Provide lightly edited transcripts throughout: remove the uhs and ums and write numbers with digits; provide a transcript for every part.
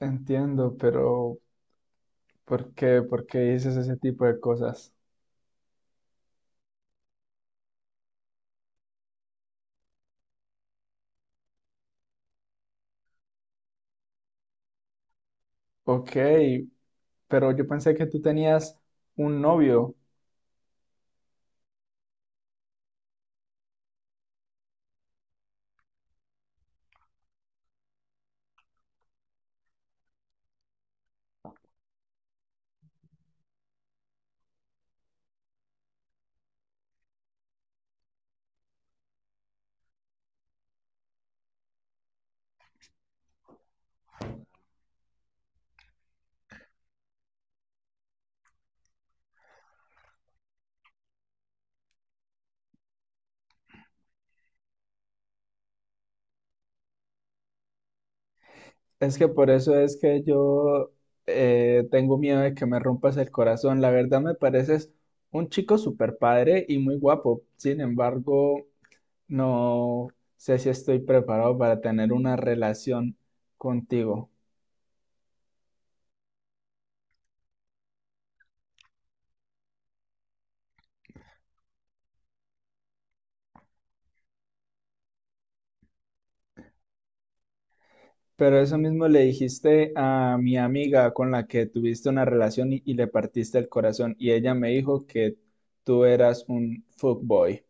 Entiendo, pero ¿por qué? ¿Por qué dices ese tipo de cosas? Ok, pero yo pensé que tú tenías un novio. Es que por eso es que yo tengo miedo de que me rompas el corazón. La verdad me pareces un chico súper padre y muy guapo. Sin embargo, no sé si estoy preparado para tener una relación contigo. Pero eso mismo le dijiste a mi amiga con la que tuviste una relación y le partiste el corazón y ella me dijo que tú eras un fuckboy.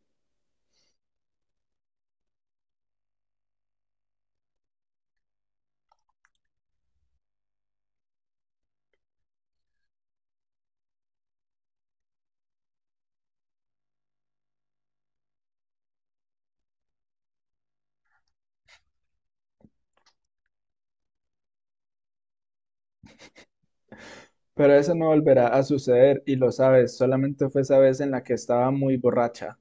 Pero eso no volverá a suceder y lo sabes, solamente fue esa vez en la que estaba muy borracha.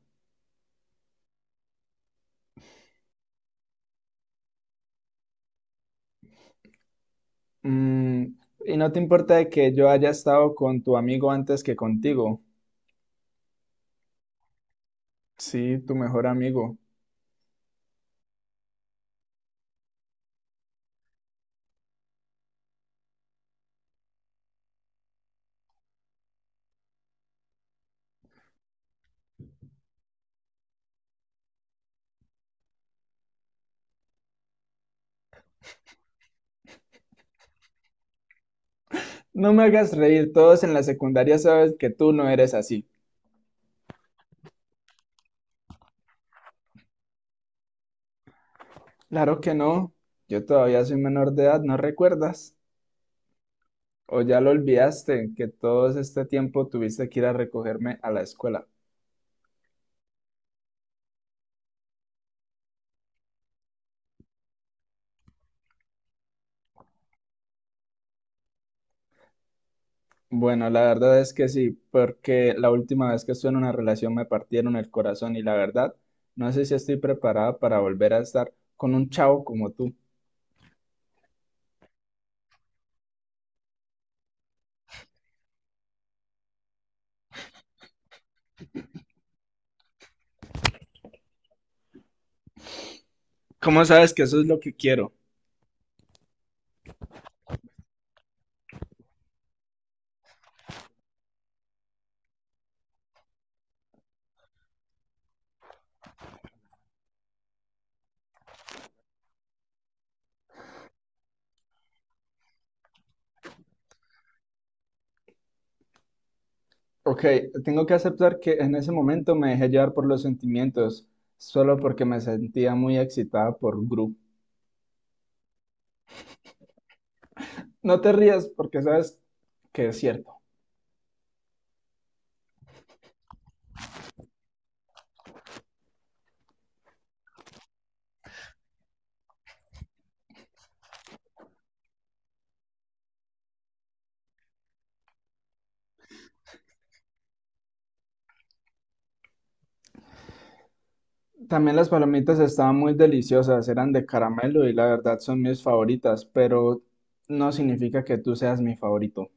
Mm, y no te importa de que yo haya estado con tu amigo antes que contigo. Sí, tu mejor amigo. No me hagas reír, todos en la secundaria sabes que tú no eres así. Claro que no, yo todavía soy menor de edad, ¿no recuerdas? O ya lo olvidaste, que todo este tiempo tuviste que ir a recogerme a la escuela. Bueno, la verdad es que sí, porque la última vez que estuve en una relación me partieron el corazón y la verdad, no sé si estoy preparada para volver a estar con un chavo como tú. ¿Cómo sabes que eso es lo que quiero? Ok, tengo que aceptar que en ese momento me dejé llevar por los sentimientos, solo porque me sentía muy excitada por Gru. No te rías porque sabes que es cierto. También las palomitas estaban muy deliciosas, eran de caramelo y la verdad son mis favoritas, pero no significa que tú seas mi favorito.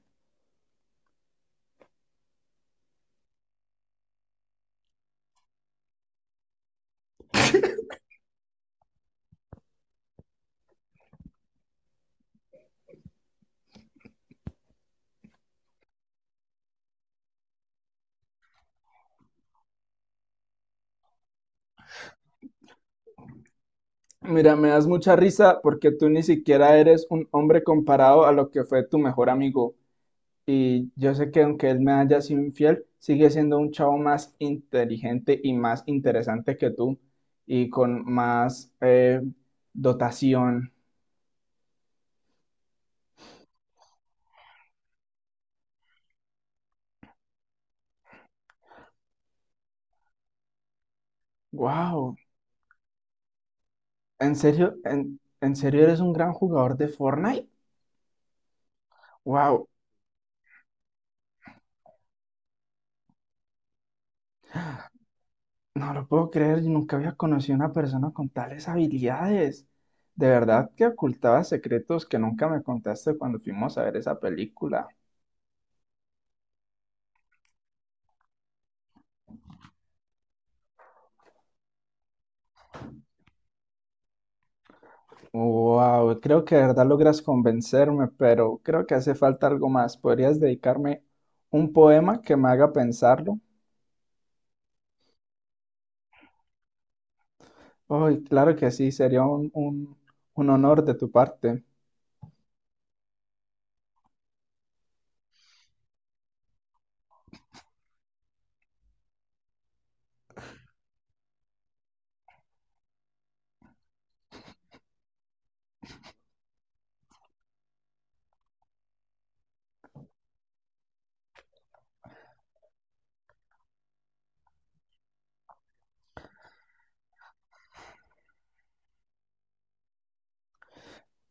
Mira, me das mucha risa porque tú ni siquiera eres un hombre comparado a lo que fue tu mejor amigo. Y yo sé que aunque él me haya sido infiel, sigue siendo un chavo más inteligente y más interesante que tú y con más dotación. Wow, ¿en serio? ¿En serio eres un gran jugador de Fortnite? Wow, no lo puedo creer, yo nunca había conocido a una persona con tales habilidades. De verdad que ocultaba secretos que nunca me contaste cuando fuimos a ver esa película. Wow, creo que de verdad logras convencerme, pero creo que hace falta algo más. ¿Podrías dedicarme un poema que me haga pensarlo? Ay, claro que sí, sería un honor de tu parte.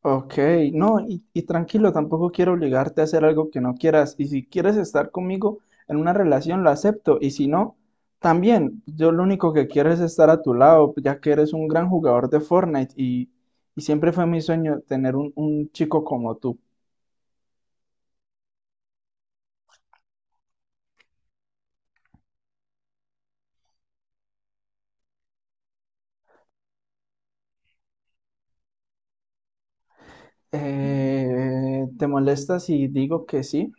Ok, no, y tranquilo, tampoco quiero obligarte a hacer algo que no quieras. Y si quieres estar conmigo en una relación, lo acepto. Y si no, también, yo lo único que quiero es estar a tu lado, ya que eres un gran jugador de Fortnite y siempre fue mi sueño tener un chico como tú. ¿Te molesta si digo que sí?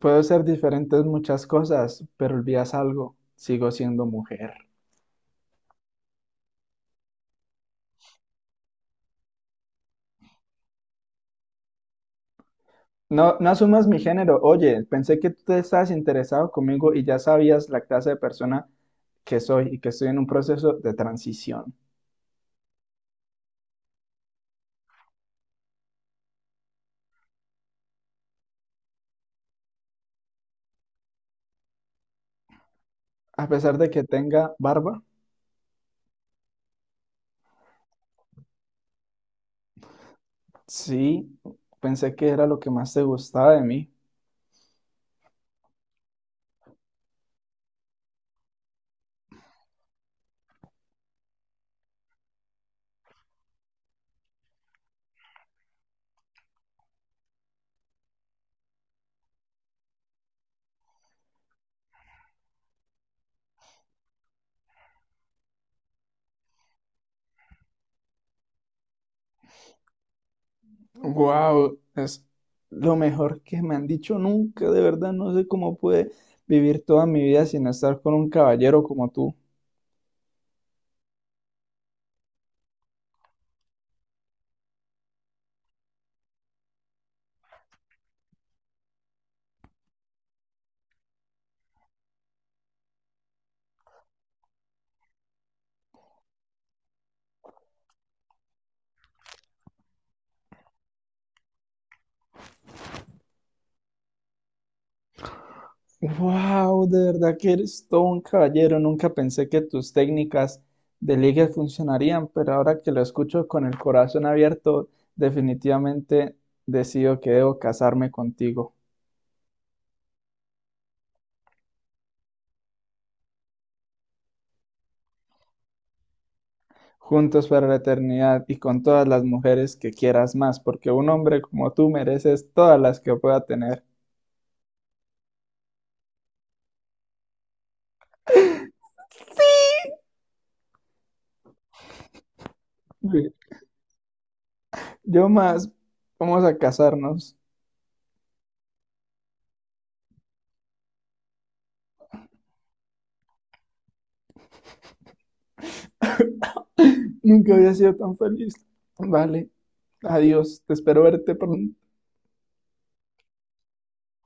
Puedo ser diferente en muchas cosas, pero olvidas algo, sigo siendo mujer. No, no asumas mi género. Oye, pensé que tú te estabas interesado conmigo y ya sabías la clase de persona que soy y que estoy en un proceso de transición. A pesar de que tenga barba, sí, pensé que era lo que más te gustaba de mí. Wow, es lo mejor que me han dicho nunca. De verdad, no sé cómo pude vivir toda mi vida sin estar con un caballero como tú. Wow, de verdad que eres todo un caballero. Nunca pensé que tus técnicas de ligue funcionarían, pero ahora que lo escucho con el corazón abierto, definitivamente decido que debo casarme contigo. Juntos para la eternidad y con todas las mujeres que quieras más, porque un hombre como tú mereces todas las que pueda tener. Sí. Yo más, vamos a casarnos. Nunca había sido tan feliz. Vale, adiós, te espero verte pronto.